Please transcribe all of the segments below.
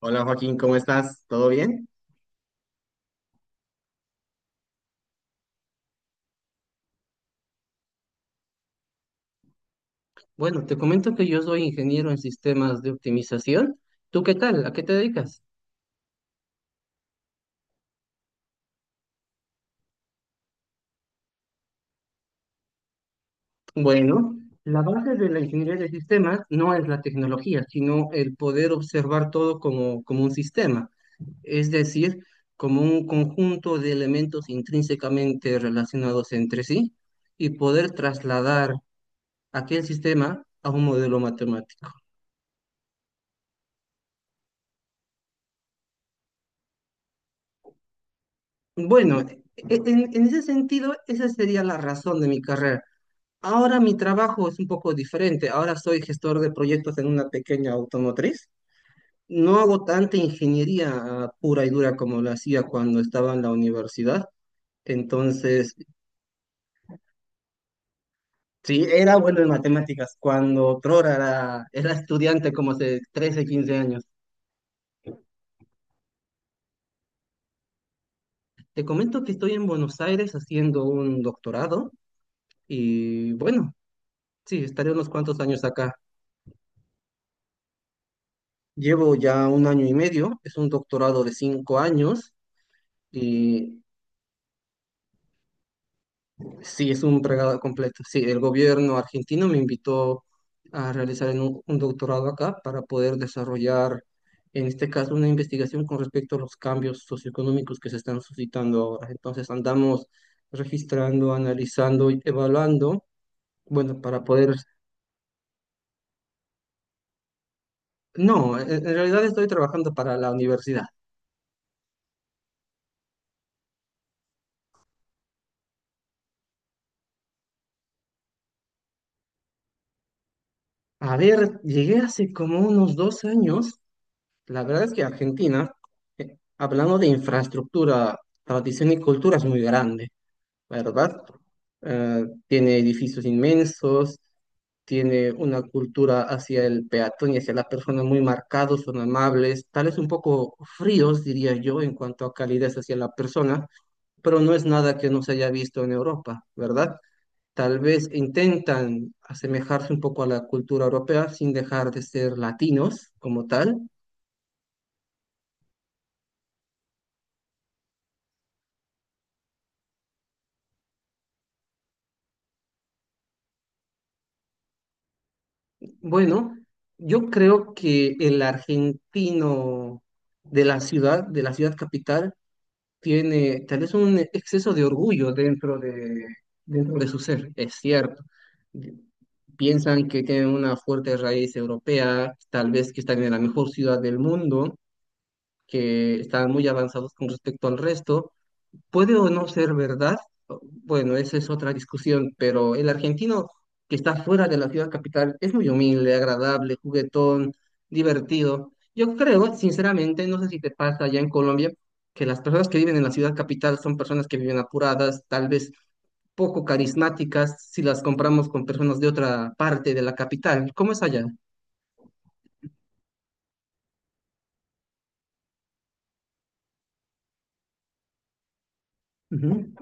Hola Joaquín, ¿cómo estás? ¿Todo bien? Bueno, te comento que yo soy ingeniero en sistemas de optimización. ¿Tú qué haces? Bueno, la base de la ingeniería de sistemas no es la tecnología, sino el poder observar todo como un sistema, es decir, como un conjunto de elementos intrínsecamente relacionados entre sí y poder trasladar aquel sistema a un modelo matemático. Bueno, en ese sentido, esa sería la razón de mi carrera. Ahora mi trabajo es un poco diferente. Ahora soy gestor de proyectos en una pequeña automotriz. No hago tanta ingeniería pura y dura como lo hacía cuando estaba en la universidad. Entonces, sí, era bueno en matemáticas cuando otrora era estudiante como hace 13-15 años. Te comento que estoy en Buenos Aires haciendo un doctorado y bueno, sí, estaré unos cuantos años acá. Llevo ya un año y medio, es un doctorado de 5 años. Y Sí, es un regalo completo. Sí, el gobierno argentino me invitó a realizar en un doctorado acá para poder desarrollar, en este caso, una investigación con respecto a los cambios socioeconómicos que se están suscitando ahora. Entonces, andamos registrando, analizando y evaluando, bueno, para poder... No, en realidad estoy trabajando para la universidad. A ver, llegué hace como unos 2 años. La verdad es que Argentina, hablando de infraestructura, tradición y cultura, es muy grande, ¿verdad? Tiene edificios inmensos, tiene una cultura hacia el peatón y hacia la persona muy marcados, son amables, tal vez un poco fríos, diría yo, en cuanto a calidez hacia la persona, pero no es nada que no se haya visto en Europa, ¿verdad? Tal vez intentan asemejarse un poco a la cultura europea sin dejar de ser latinos como tal. Bueno, yo creo que el argentino de la ciudad capital, tiene tal vez un exceso de orgullo dentro de su ser, es cierto. Piensan que tienen una fuerte raíz europea, tal vez que están en la mejor ciudad del mundo, que están muy avanzados con respecto al resto, puede o no ser verdad, bueno, esa es otra discusión, pero el argentino que está fuera de la ciudad capital es muy humilde, agradable, juguetón, divertido. Yo creo, sinceramente, no sé si te pasa allá en Colombia, que las personas que viven en la ciudad capital son personas que viven apuradas, tal vez poco carismáticas, si las compramos con personas de otra parte de la capital. ¿Cómo es allá? Ujú.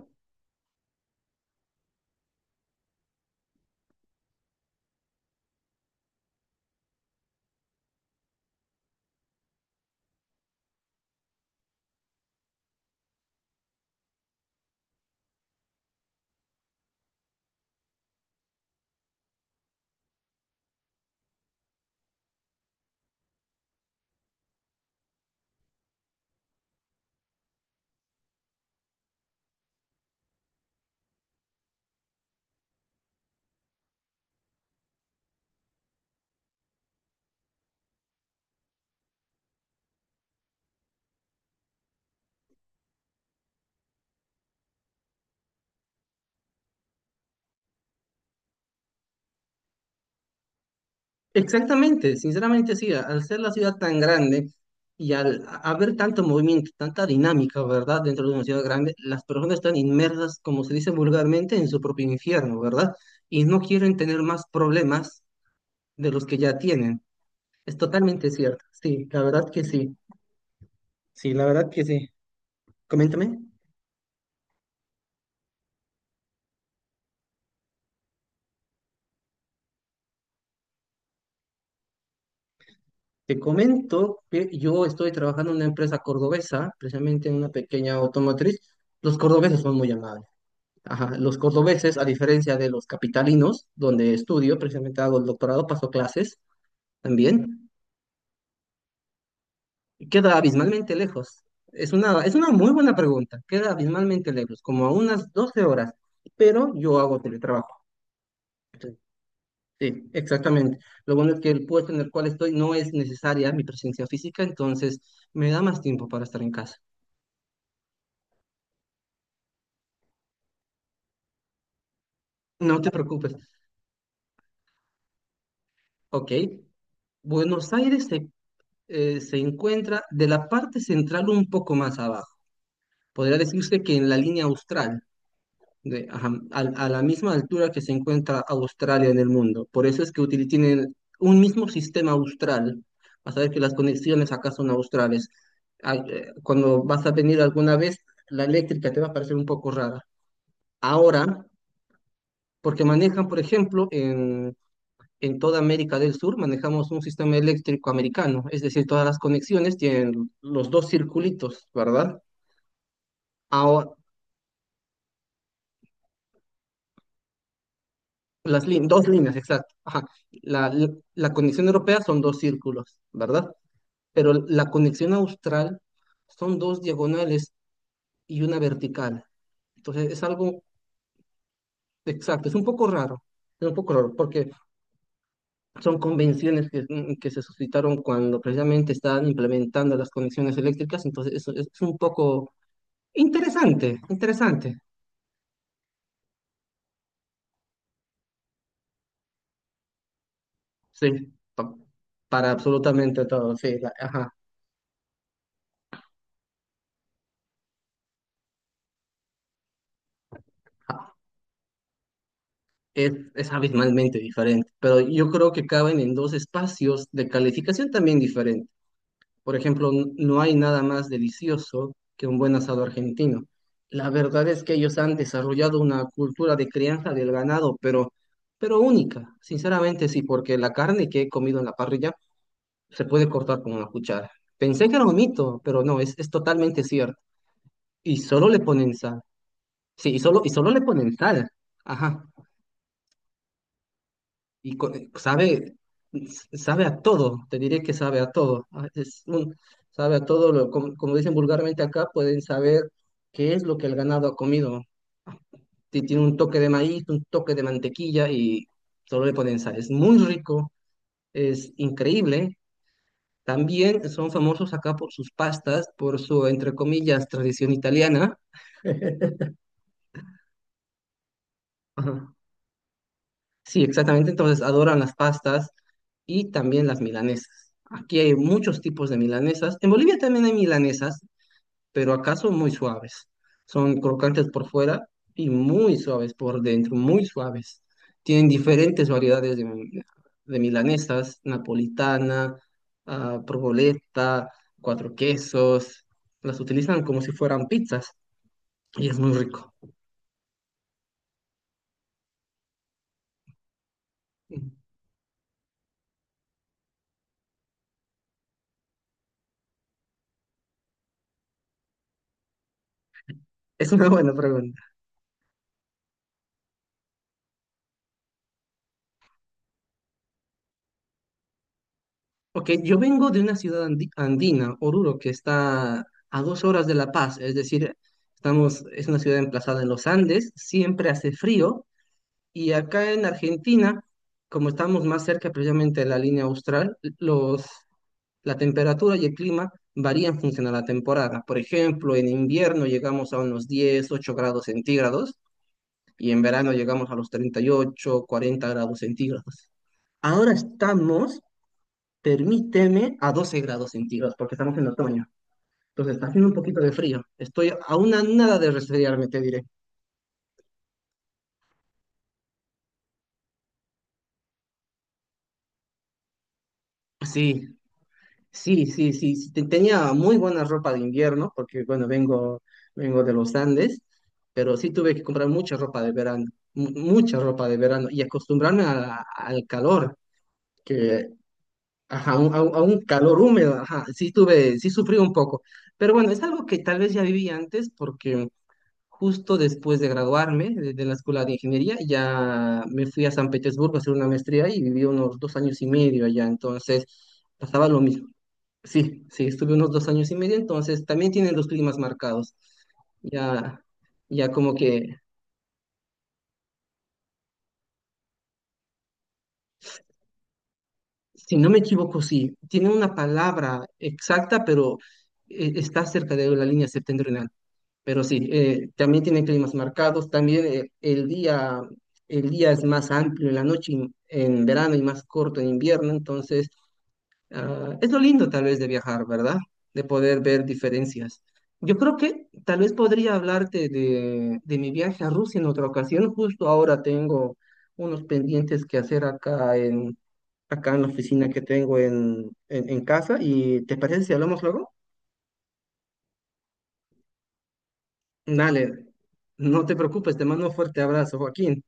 Exactamente, sinceramente sí, al ser la ciudad tan grande y al haber tanto movimiento, tanta dinámica, ¿verdad? Dentro de una ciudad grande, las personas están inmersas, como se dice vulgarmente, en su propio infierno, ¿verdad? Y no quieren tener más problemas de los que ya tienen. Es totalmente cierto, sí, la verdad que sí, sí, la verdad que sí. Coméntame. Te comento que yo estoy trabajando en una empresa cordobesa, precisamente en una pequeña automotriz. Los cordobeses son muy amables. Ajá, los cordobeses, a diferencia de los capitalinos, donde estudio, precisamente hago el doctorado, paso clases también, queda abismalmente lejos. Es una muy buena pregunta, queda abismalmente lejos, como a unas 12 horas, pero yo hago teletrabajo. Entonces, sí, exactamente. Lo bueno es que el puesto en el cual estoy no es necesaria mi presencia física, entonces me da más tiempo para estar en casa. No te preocupes. Ok, Buenos Aires se encuentra de la parte central un poco más abajo. Podría decirse que en la línea austral, la misma altura que se encuentra Australia en el mundo. Por eso es que tienen un mismo sistema austral. Vas a ver que las conexiones acá son australes. Cuando vas a venir alguna vez, la eléctrica te va a parecer un poco rara. Ahora, porque manejan, por ejemplo, en toda América del Sur, manejamos un sistema eléctrico americano. Es decir, todas las conexiones tienen los dos circulitos, ¿verdad? Ahora, las dos líneas, exacto. Ajá. La, la, la conexión europea son dos círculos, ¿verdad? Pero la conexión austral son dos diagonales y una vertical. Entonces es algo exacto, es un poco raro, es un poco raro, porque son convenciones que, que se suscitaron cuando precisamente estaban implementando las conexiones eléctricas, entonces eso es un poco interesante, interesante, sí, pa- para absolutamente todo, sí, ajá. Es abismalmente diferente, pero yo creo que caben en dos espacios de calificación también diferente. Por ejemplo, no hay nada más delicioso que un buen asado argentino. La verdad es que ellos han desarrollado una cultura de crianza del ganado, pero única, sinceramente sí, porque la carne que he comido en la parrilla se puede cortar con una cuchara. Pensé que era un mito, pero no, es totalmente cierto. Y solo le ponen sal. Sí, y solo le ponen sal. Ajá. y co- eh, sabe, sabe a todo, te diré que sabe a todo. Sabe a todo, como dicen vulgarmente acá, pueden saber qué es lo que el ganado ha comido. Tiene un toque de maíz, un toque de mantequilla y solo le ponen sal. Es muy rico, es increíble. También son famosos acá por sus pastas, por su, entre comillas, tradición italiana. Ajá. Sí, exactamente. Entonces adoran las pastas, y también las milanesas. Aquí hay muchos tipos de milanesas. En Bolivia también hay milanesas, pero acá son muy suaves. Son crocantes por fuera y muy suaves por dentro, muy suaves. Tienen diferentes variedades de milanesas, napolitana, provoleta, cuatro quesos. Las utilizan como si fueran pizzas y es muy rico. Es una buena pregunta. Ok, yo vengo de una ciudad andina, Oruro, que está a 2 horas de La Paz, es decir, es una ciudad emplazada en los Andes, siempre hace frío, y acá en Argentina, como estamos más cerca precisamente de la línea austral, la temperatura y el clima varían en función a la temporada. Por ejemplo, en invierno llegamos a unos 10-18 grados centígrados, y en verano llegamos a los 38-40 grados centígrados. Ahora estamos permíteme a 12 grados centígrados, porque estamos en otoño. Entonces está haciendo un poquito de frío. Estoy a una nada de resfriarme, te diré. Sí, sí, sí, sí, sí, tenía muy buena ropa de invierno, porque bueno, vengo de los Andes, pero sí tuve que comprar mucha ropa de verano, mucha ropa de verano, y acostumbrarme a al calor, que, ajá, a un calor húmedo, ajá, sí sufrí un poco. Pero bueno, es algo que tal vez ya viví antes, porque justo después de graduarme de la escuela de ingeniería, ya me fui a San Petersburgo a hacer una maestría y viví unos 2 años y medio allá. Entonces, pasaba lo mismo. Sí, sí, estuve unos 2 años y medio, entonces también tienen los climas marcados. Ya, ya como que, si no me equivoco, sí, tiene una palabra exacta, pero está cerca de la línea septentrional. Pero sí, también tienen climas marcados, también el día es más amplio en la noche en verano y más corto en invierno, entonces es lo lindo tal vez de viajar, ¿verdad? De poder ver diferencias. Yo creo que tal vez podría hablarte de mi viaje a Rusia en otra ocasión, justo ahora tengo unos pendientes que hacer acá en la oficina que tengo en casa y ¿te parece si hablamos luego? Dale, no te preocupes, te mando un fuerte abrazo, Joaquín.